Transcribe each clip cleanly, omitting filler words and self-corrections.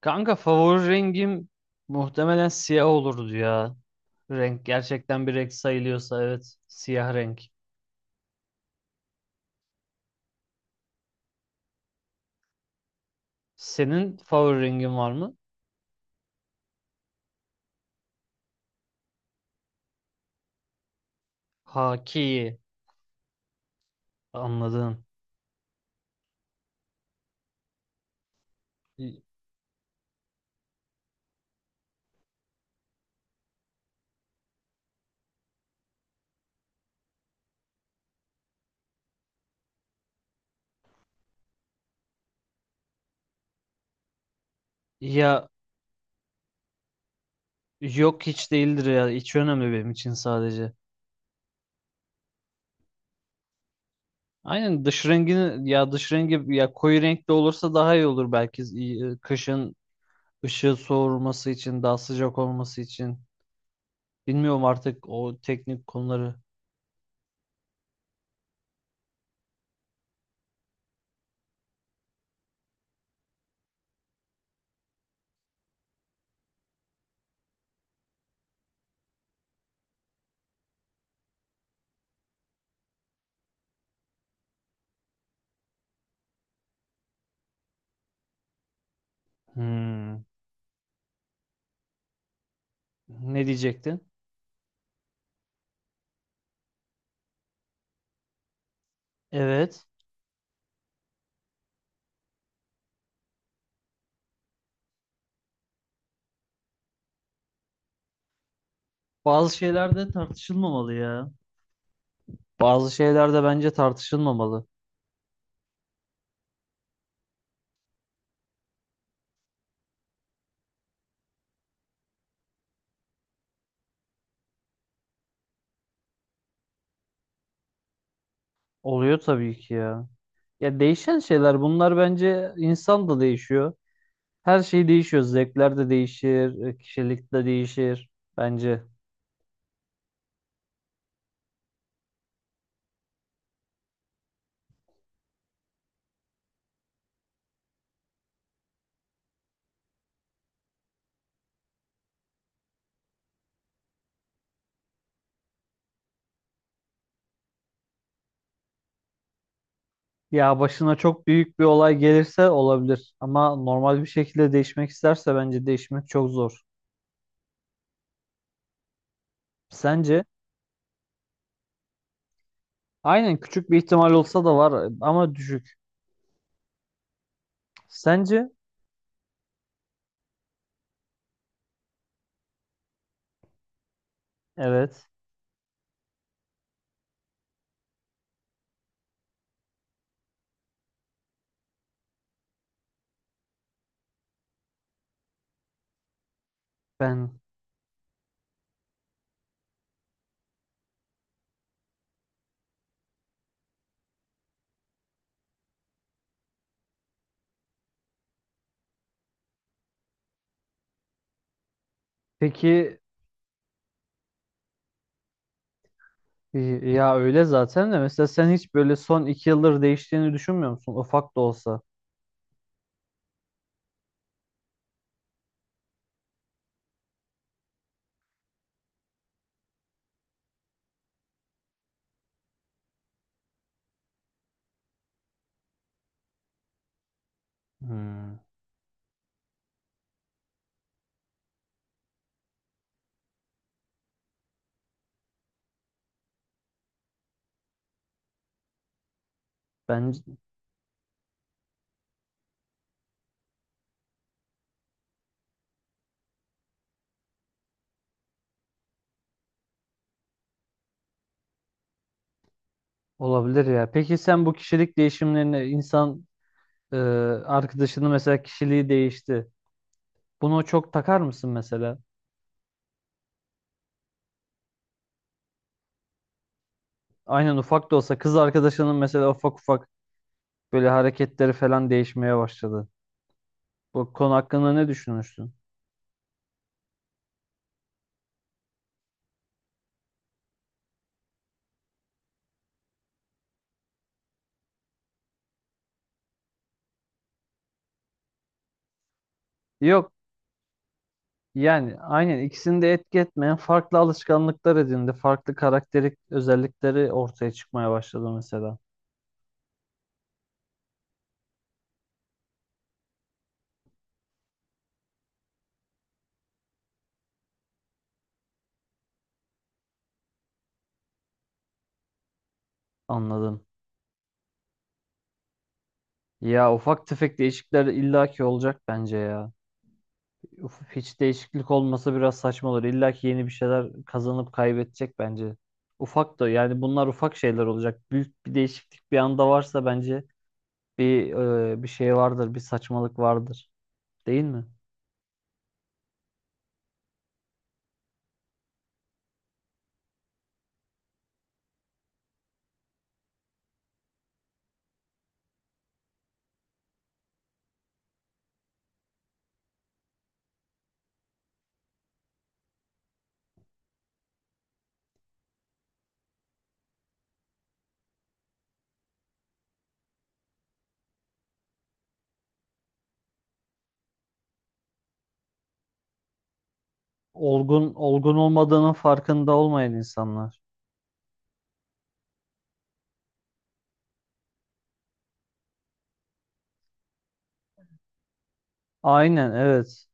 Kanka favori rengim muhtemelen siyah olurdu ya. Renk gerçekten bir renk sayılıyorsa evet siyah renk. Senin favori rengin var mı? Haki anladın. Ya yok, hiç değildir ya, hiç önemli benim için sadece. Aynen dış rengini, ya dış rengi ya, koyu renkli olursa daha iyi olur belki. İyi, kışın ışığı soğurması için, daha sıcak olması için. Bilmiyorum artık o teknik konuları. Hmm. Ne diyecektin? Evet. Bazı şeyler de tartışılmamalı ya. Bazı şeyler de bence tartışılmamalı. Oluyor tabii ki ya. Ya değişen şeyler bunlar, bence insan da değişiyor. Her şey değişiyor. Zevkler de değişir, kişilik de değişir bence. Ya başına çok büyük bir olay gelirse olabilir, ama normal bir şekilde değişmek isterse bence değişmek çok zor. Sence? Aynen, küçük bir ihtimal olsa da var ama düşük. Sence? Evet. Ben. Peki. Ya öyle zaten de, mesela sen hiç böyle son iki yıldır değiştiğini düşünmüyor musun? Ufak da olsa. Hmm, bence olabilir ya. Peki sen bu kişilik değişimlerine, insan e, arkadaşının mesela kişiliği değişti. Bunu çok takar mısın mesela? Aynen, ufak da olsa kız arkadaşının mesela, ufak ufak böyle hareketleri falan değişmeye başladı. Bu konu hakkında ne düşünürsün? Yok. Yani aynen ikisini de etki etmeyen farklı alışkanlıklar edindi. Farklı karakterik özellikleri ortaya çıkmaya başladı mesela. Anladım. Ya ufak tefek değişiklikler illaki olacak bence ya. Uf, hiç değişiklik olmasa biraz saçma olur. illaki yeni bir şeyler kazanıp kaybedecek bence. Ufak da, yani bunlar ufak şeyler olacak. Büyük bir değişiklik bir anda varsa bence bir bir şey vardır, bir saçmalık vardır. Değil mi? Olgun, olgun olmadığının farkında olmayan insanlar. Aynen, evet.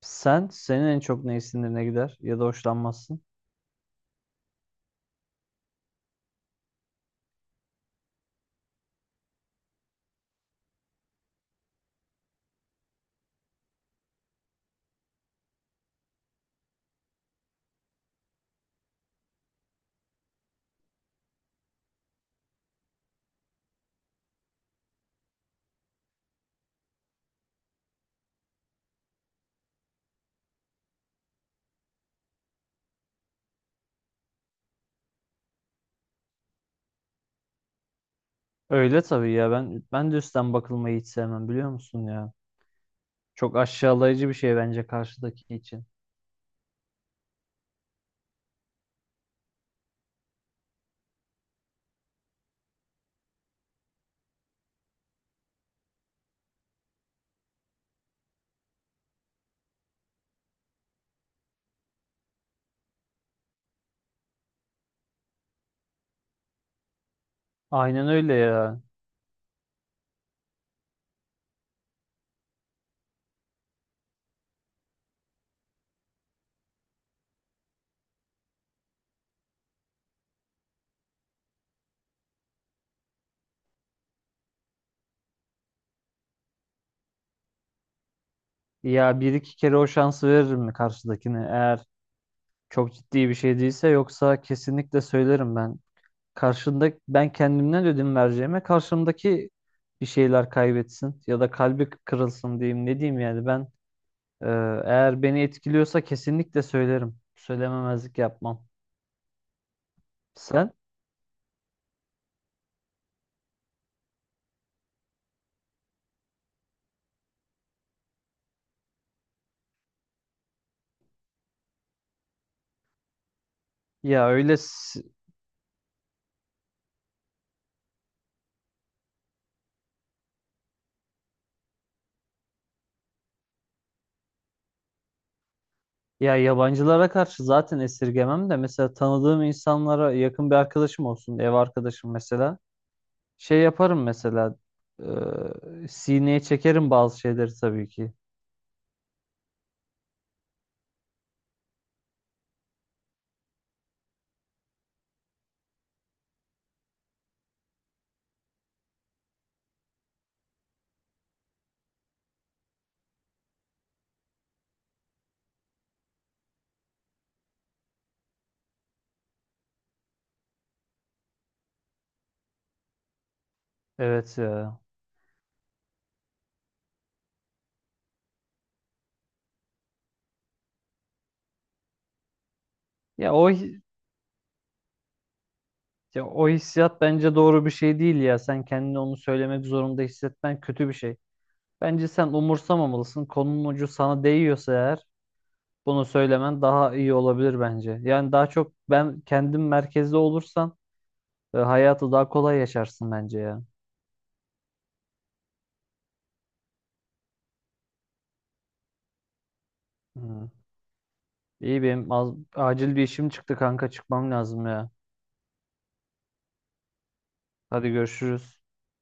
Sen, senin en çok ne sinirine gider ya da hoşlanmazsın? Öyle tabii ya, ben de üstten bakılmayı hiç sevmem, biliyor musun ya? Çok aşağılayıcı bir şey bence, karşıdaki için. Aynen öyle ya. Ya bir iki kere o şansı veririm mi karşıdakine? Eğer çok ciddi bir şey değilse, yoksa kesinlikle söylerim ben. Karşında ben kendimden ödün vereceğime, karşımdaki bir şeyler kaybetsin ya da kalbi kırılsın diyeyim, ne diyeyim yani ben. Ee, Eğer beni etkiliyorsa kesinlikle söylerim. Söylememezlik yapmam. Sen? Ya öyle s- ya yabancılara karşı zaten esirgemem de, mesela tanıdığım insanlara, yakın bir arkadaşım olsun, ev arkadaşım mesela. Şey yaparım mesela. Sineye çekerim bazı şeyleri tabii ki. Evet ya. Ya o hi- ya o hissiyat bence doğru bir şey değil ya. Sen kendini onu söylemek zorunda hissetmen kötü bir şey. Bence sen umursamamalısın. Konunun ucu sana değiyorsa eğer, bunu söylemen daha iyi olabilir bence. Yani daha çok ben kendim merkezde olursan, hayatı daha kolay yaşarsın bence ya. Hı. İyi, benim az- acil bir işim çıktı kanka, çıkmam lazım ya. Hadi görüşürüz.